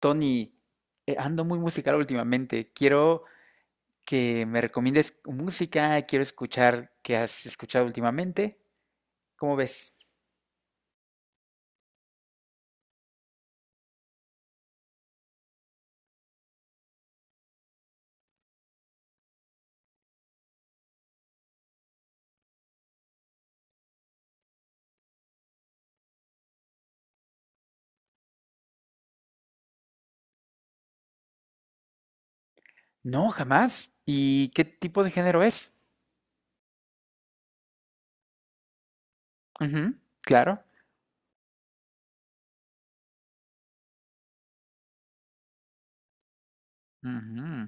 Tony, ando muy musical últimamente. Quiero que me recomiendes música, quiero escuchar qué has escuchado últimamente. ¿Cómo ves? No, jamás. ¿Y qué tipo de género es? Ujú, claro. Ujú,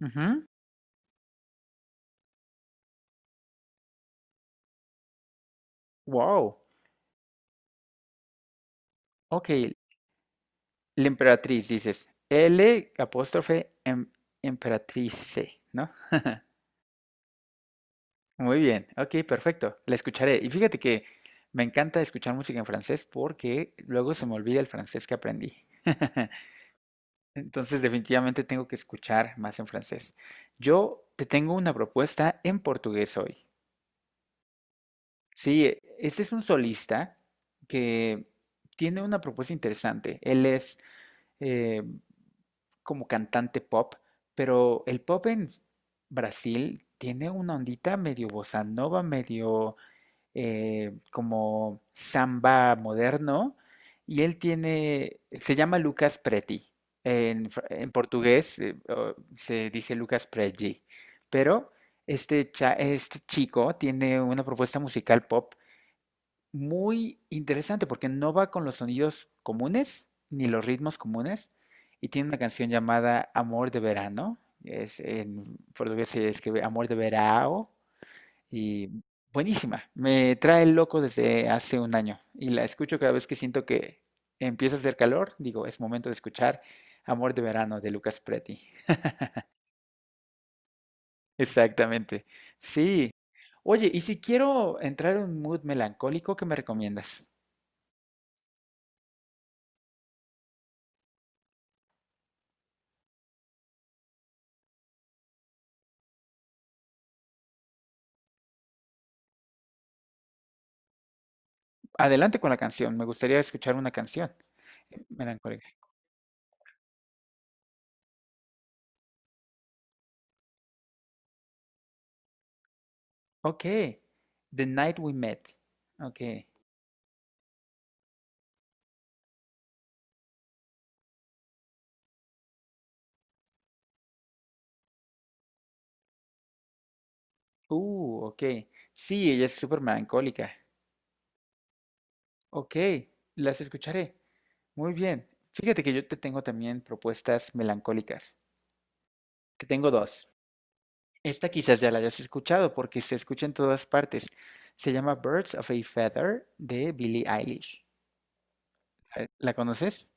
ujú. Wow. Ok, la emperatriz, dices. L apóstrofe emperatrice, ¿no? Muy bien, ok, perfecto. La escucharé. Y fíjate que me encanta escuchar música en francés porque luego se me olvida el francés que aprendí. Entonces, definitivamente tengo que escuchar más en francés. Yo te tengo una propuesta en portugués hoy. Sí, este es un solista que tiene una propuesta interesante. Él es eh, como cantante pop, pero el pop en Brasil tiene una ondita medio bossa nova, medio como samba moderno y él tiene, se llama Lucas Preti. En, en portugués se dice Lucas Preti, pero este, este chico tiene una propuesta musical pop muy interesante porque no va con los sonidos comunes ni los ritmos comunes y tiene una canción llamada Amor de Verano. Es, en portugués se escribe Amor de Verão y buenísima. Me trae el loco desde hace un año. Y la escucho cada vez que siento que empieza a hacer calor. Digo, es momento de escuchar Amor de Verano de Lucas Preti. Exactamente. Sí. Oye, y si quiero entrar en un mood melancólico, ¿qué me recomiendas? Adelante con la canción. Me gustaría escuchar una canción melancólica. Ok. The Night We Met. Ok. Ok. Sí, ella es súper melancólica. Ok, las escucharé. Muy bien. Fíjate que yo te tengo también propuestas melancólicas. Te tengo dos. Esta quizás ya la hayas escuchado porque se escucha en todas partes. Se llama Birds of a Feather de Billie Eilish. ¿La conoces?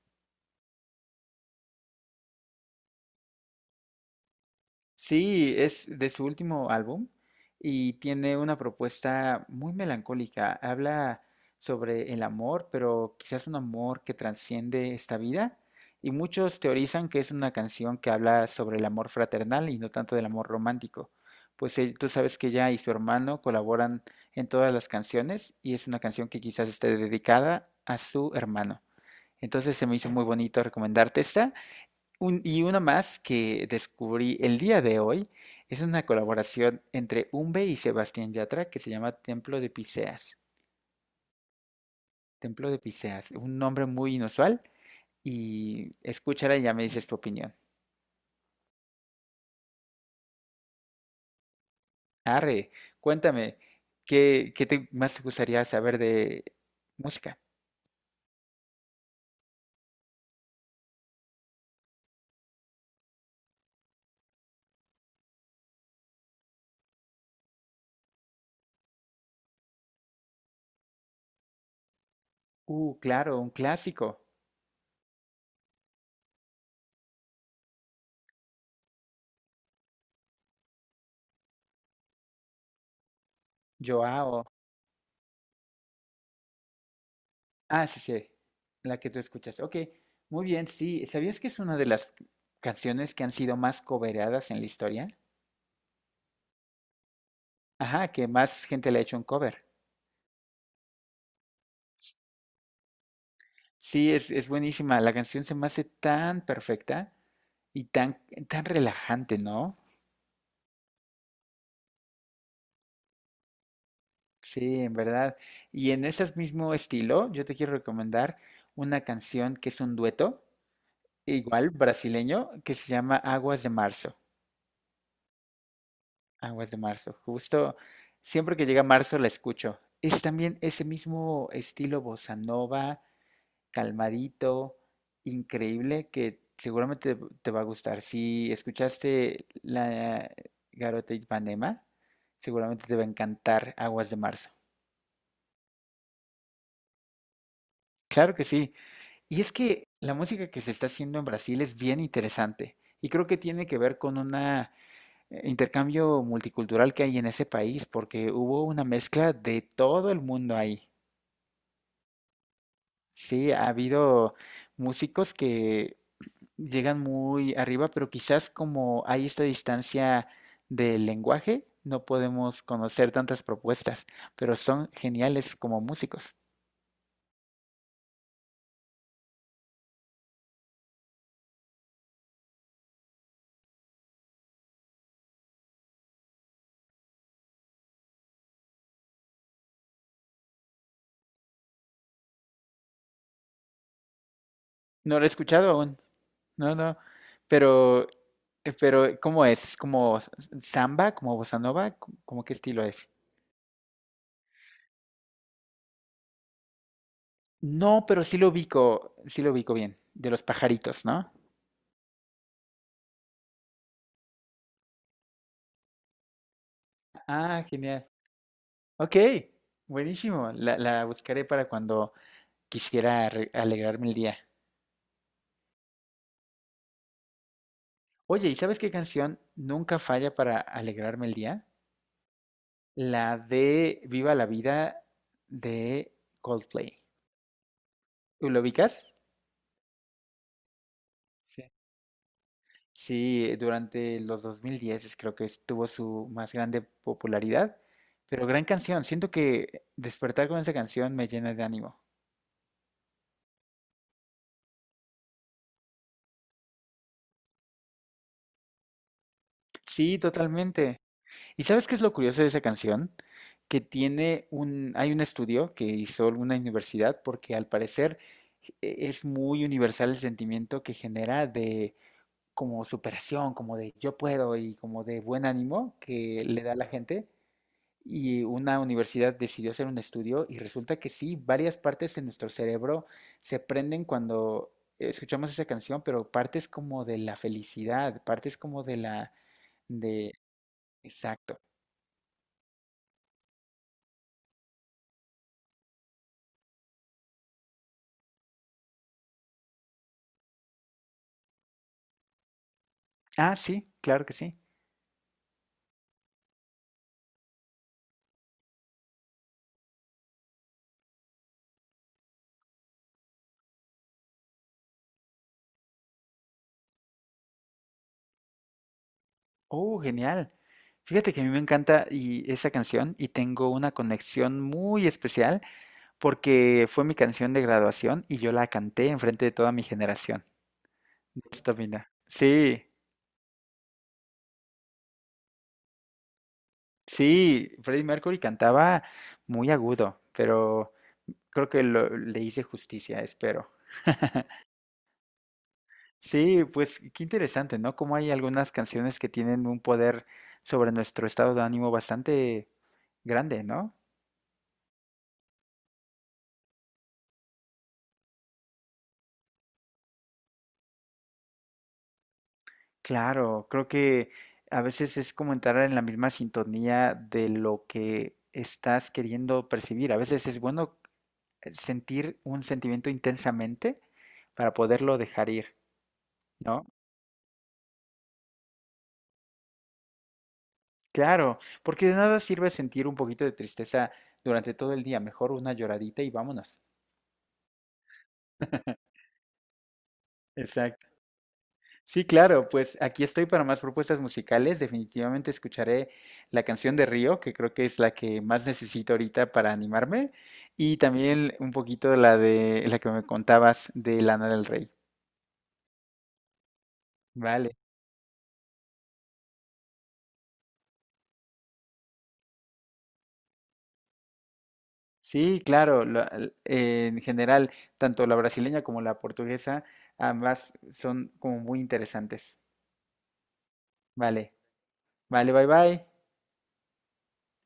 Sí, es de su último álbum y tiene una propuesta muy melancólica. Habla sobre el amor, pero quizás un amor que trasciende esta vida. Y muchos teorizan que es una canción que habla sobre el amor fraternal y no tanto del amor romántico. Pues tú sabes que ella y su hermano colaboran en todas las canciones y es una canción que quizás esté dedicada a su hermano. Entonces se me hizo muy bonito recomendarte esta. Y una más que descubrí el día de hoy es una colaboración entre Umbe y Sebastián Yatra que se llama Templo de Piseas. Templo de Piseas, un nombre muy inusual y escúchala y ya me dices tu opinión. Arre, cuéntame, ¿qué te más te gustaría saber de música? Claro, un clásico. Joao. Ah, sí, sí, la que tú escuchas. Ok, muy bien, sí. ¿Sabías que es una de las canciones que han sido más cobereadas en la historia? Ajá, que más gente le ha hecho un cover. S- Sí, es buenísima. La canción se me hace tan perfecta y tan, tan relajante, ¿no? Sí, en verdad. Y en ese mismo estilo, yo te quiero recomendar una canción que es un dueto, igual brasileño, que se llama Aguas de Marzo. Aguas de Marzo. Justo siempre que llega marzo la escucho. Es también ese mismo estilo bossa nova, calmadito, increíble, que seguramente te, te va a gustar. Si escuchaste la Garota Ipanema, seguramente te va a encantar Aguas de Marzo. Claro que sí. Y es que la música que se está haciendo en Brasil es bien interesante y creo que tiene que ver con un intercambio multicultural que hay en ese país, porque hubo una mezcla de todo el mundo ahí. Sí, ha habido músicos que llegan muy arriba, pero quizás como hay esta distancia del lenguaje, no podemos conocer tantas propuestas, pero son geniales como músicos. No lo he escuchado aún, no, no, pero, pero ¿cómo es? ¿Es como samba, como bossa nova? ¿Cómo cómo qué estilo es? No, pero sí lo ubico bien, de los pajaritos, ¿no? Ah, genial. Ok, buenísimo. La buscaré para cuando quisiera alegrarme el día. Oye, ¿y sabes qué canción nunca falla para alegrarme el día? La de Viva la Vida de Coldplay. ¿Lo ubicas? Sí. Sí, durante los 2010 creo que estuvo su más grande popularidad, pero gran canción. Siento que despertar con esa canción me llena de ánimo. Sí, totalmente. ¿Y sabes qué es lo curioso de esa canción? Que tiene un, hay un estudio que hizo alguna universidad porque al parecer es muy universal el sentimiento que genera de como superación, como de yo puedo y como de buen ánimo que le da a la gente. Y una universidad decidió hacer un estudio y resulta que sí, varias partes de nuestro cerebro se prenden cuando escuchamos esa canción, pero partes como de la felicidad, partes como de la, de, exacto. Ah, sí, claro que sí. Oh, genial. Fíjate que a mí me encanta y esa canción y tengo una conexión muy especial porque fue mi canción de graduación y yo la canté enfrente de toda mi generación. De esta mina. Sí, sí, Freddie Mercury cantaba muy agudo, pero creo que le hice justicia, espero. Sí, pues qué interesante, ¿no? Como hay algunas canciones que tienen un poder sobre nuestro estado de ánimo bastante grande, ¿no? Claro, creo que a veces es como entrar en la misma sintonía de lo que estás queriendo percibir. A veces es bueno sentir un sentimiento intensamente para poderlo dejar ir, ¿no? Claro, porque de nada sirve sentir un poquito de tristeza durante todo el día. Mejor una lloradita y vámonos. Exacto. Sí, claro, pues aquí estoy para más propuestas musicales. Definitivamente escucharé la canción de Río, que creo que es la que más necesito ahorita para animarme, y también un poquito de la que me contabas de Lana del Rey. Vale. Sí, claro, en general, tanto la brasileña como la portuguesa, ambas son como muy interesantes. Vale, vale, bye bye.